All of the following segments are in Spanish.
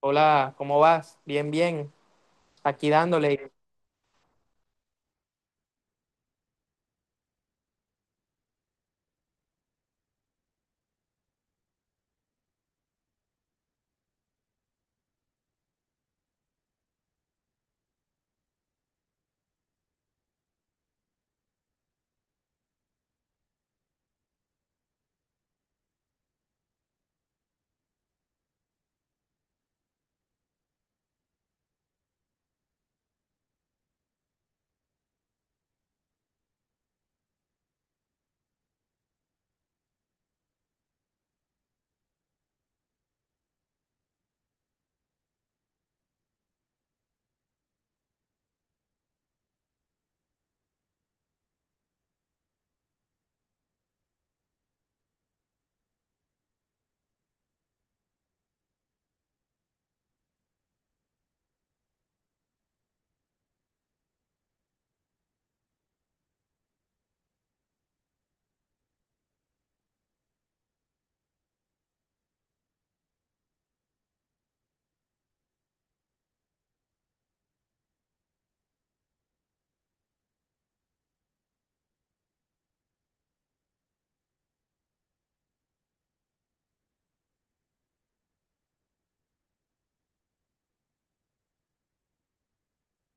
Hola, ¿cómo vas? Bien, bien. Aquí dándole.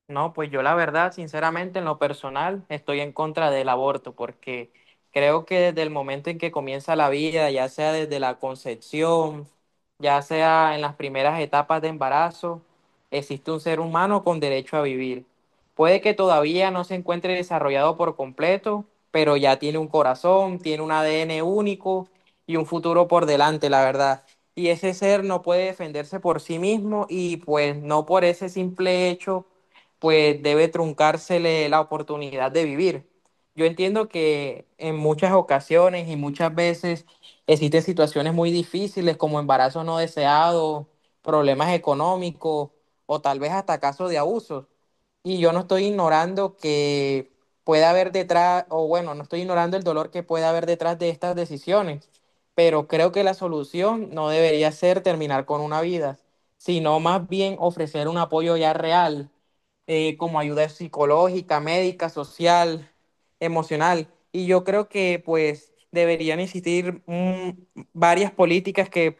No, pues yo la verdad, sinceramente, en lo personal, estoy en contra del aborto porque creo que desde el momento en que comienza la vida, ya sea desde la concepción, ya sea en las primeras etapas de embarazo, existe un ser humano con derecho a vivir. Puede que todavía no se encuentre desarrollado por completo, pero ya tiene un corazón, tiene un ADN único y un futuro por delante, la verdad. Y ese ser no puede defenderse por sí mismo y pues no por ese simple hecho pues debe truncársele la oportunidad de vivir. Yo entiendo que en muchas ocasiones y muchas veces existen situaciones muy difíciles como embarazos no deseados, problemas económicos o tal vez hasta casos de abusos. Y yo no estoy ignorando que pueda haber detrás, o bueno, no estoy ignorando el dolor que pueda haber detrás de estas decisiones, pero creo que la solución no debería ser terminar con una vida, sino más bien ofrecer un apoyo ya real, como ayuda psicológica, médica, social, emocional. Y yo creo que pues deberían existir, varias políticas que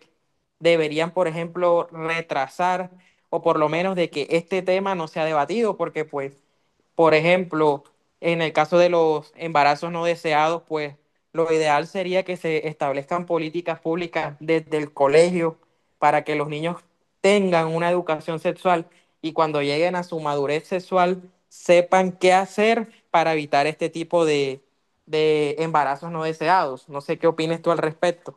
deberían, por ejemplo, retrasar o por lo menos de que este tema no sea debatido, porque pues, por ejemplo, en el caso de los embarazos no deseados, pues lo ideal sería que se establezcan políticas públicas desde el colegio para que los niños tengan una educación sexual y cuando lleguen a su madurez sexual sepan qué hacer para evitar este tipo de embarazos no deseados. No sé qué opinas tú al respecto.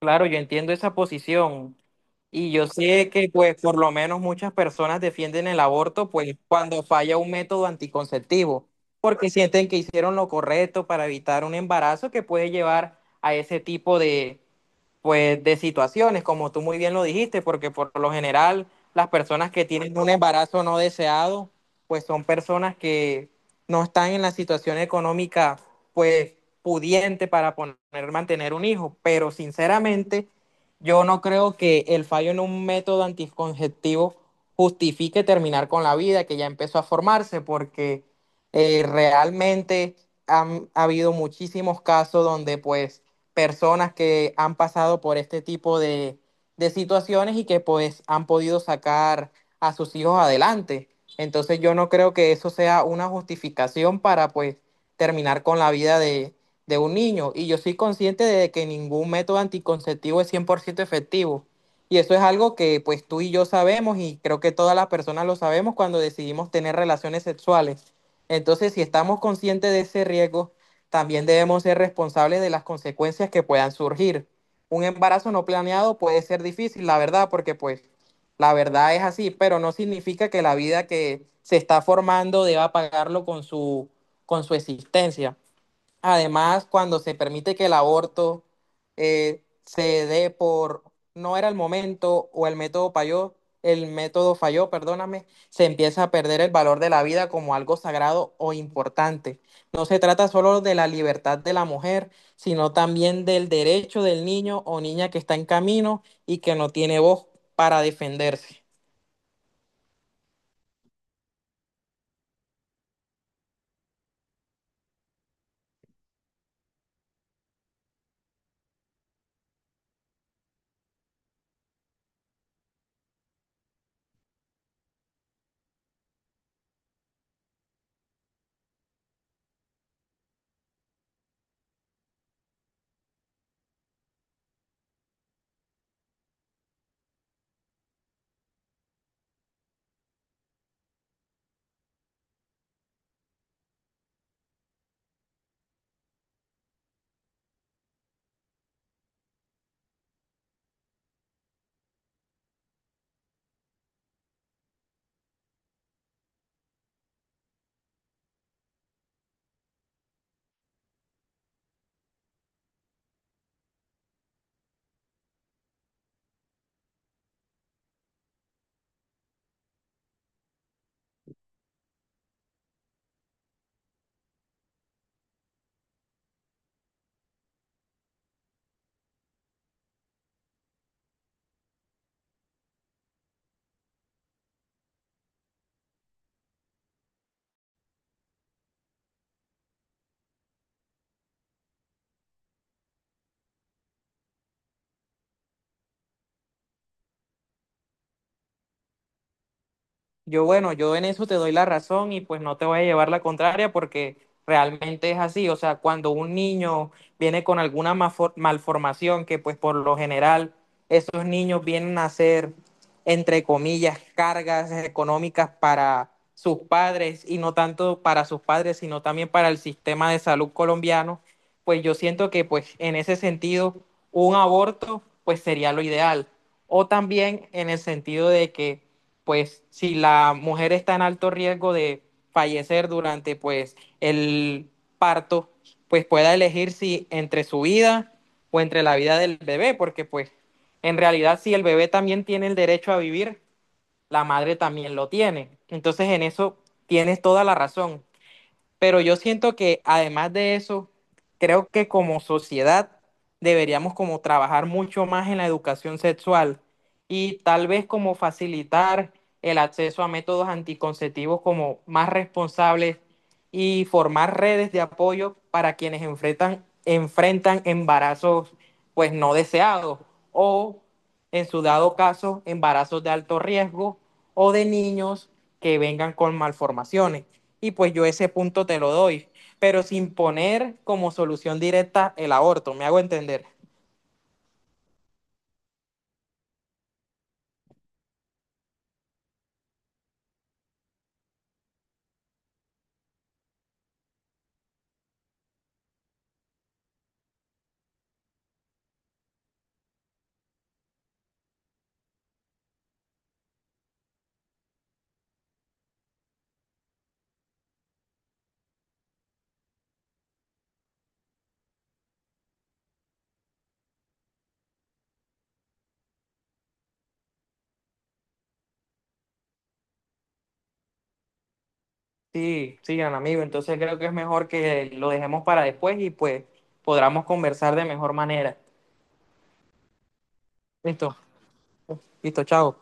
Claro, yo entiendo esa posición y yo sé que pues por lo menos muchas personas defienden el aborto pues cuando falla un método anticonceptivo, porque sienten que hicieron lo correcto para evitar un embarazo que puede llevar a ese tipo de, pues de situaciones, como tú muy bien lo dijiste, porque por lo general las personas que tienen un embarazo no deseado, pues son personas que no están en la situación económica, pues pudiente para mantener un hijo, pero sinceramente yo no creo que el fallo en un método anticonceptivo justifique terminar con la vida que ya empezó a formarse, porque realmente ha habido muchísimos casos donde pues personas que han pasado por este tipo de situaciones y que pues han podido sacar a sus hijos adelante. Entonces yo no creo que eso sea una justificación para pues terminar con la vida de un niño. Y yo soy consciente de que ningún método anticonceptivo es 100% efectivo. Y eso es algo que pues tú y yo sabemos y creo que todas las personas lo sabemos cuando decidimos tener relaciones sexuales. Entonces, si estamos conscientes de ese riesgo, también debemos ser responsables de las consecuencias que puedan surgir. Un embarazo no planeado puede ser difícil, la verdad, porque pues la verdad es así, pero no significa que la vida que se está formando deba pagarlo con con su existencia. Además, cuando se permite que el aborto, se dé por no era el momento o el método falló, perdóname, se empieza a perder el valor de la vida como algo sagrado o importante. No se trata solo de la libertad de la mujer, sino también del derecho del niño o niña que está en camino y que no tiene voz para defenderse. Yo, bueno, yo en eso te doy la razón y pues no te voy a llevar la contraria porque realmente es así. O sea, cuando un niño viene con alguna malformación, que pues por lo general esos niños vienen a ser, entre comillas, cargas económicas para sus padres y no tanto para sus padres, sino también para el sistema de salud colombiano, pues yo siento que pues en ese sentido un aborto pues sería lo ideal. O también en el sentido de que pues si la mujer está en alto riesgo de fallecer durante pues el parto, pues pueda elegir si entre su vida o entre la vida del bebé, porque pues en realidad si el bebé también tiene el derecho a vivir, la madre también lo tiene. Entonces en eso tienes toda la razón. Pero yo siento que además de eso, creo que como sociedad deberíamos como trabajar mucho más en la educación sexual y tal vez como facilitar el acceso a métodos anticonceptivos como más responsables y formar redes de apoyo para quienes enfrentan embarazos pues no deseados o, en su dado caso, embarazos de alto riesgo o de niños que vengan con malformaciones. Y pues yo ese punto te lo doy, pero sin poner como solución directa el aborto, me hago entender. Sí, sigan amigo, entonces creo que es mejor que lo dejemos para después y pues podamos conversar de mejor manera. Listo, listo, chao.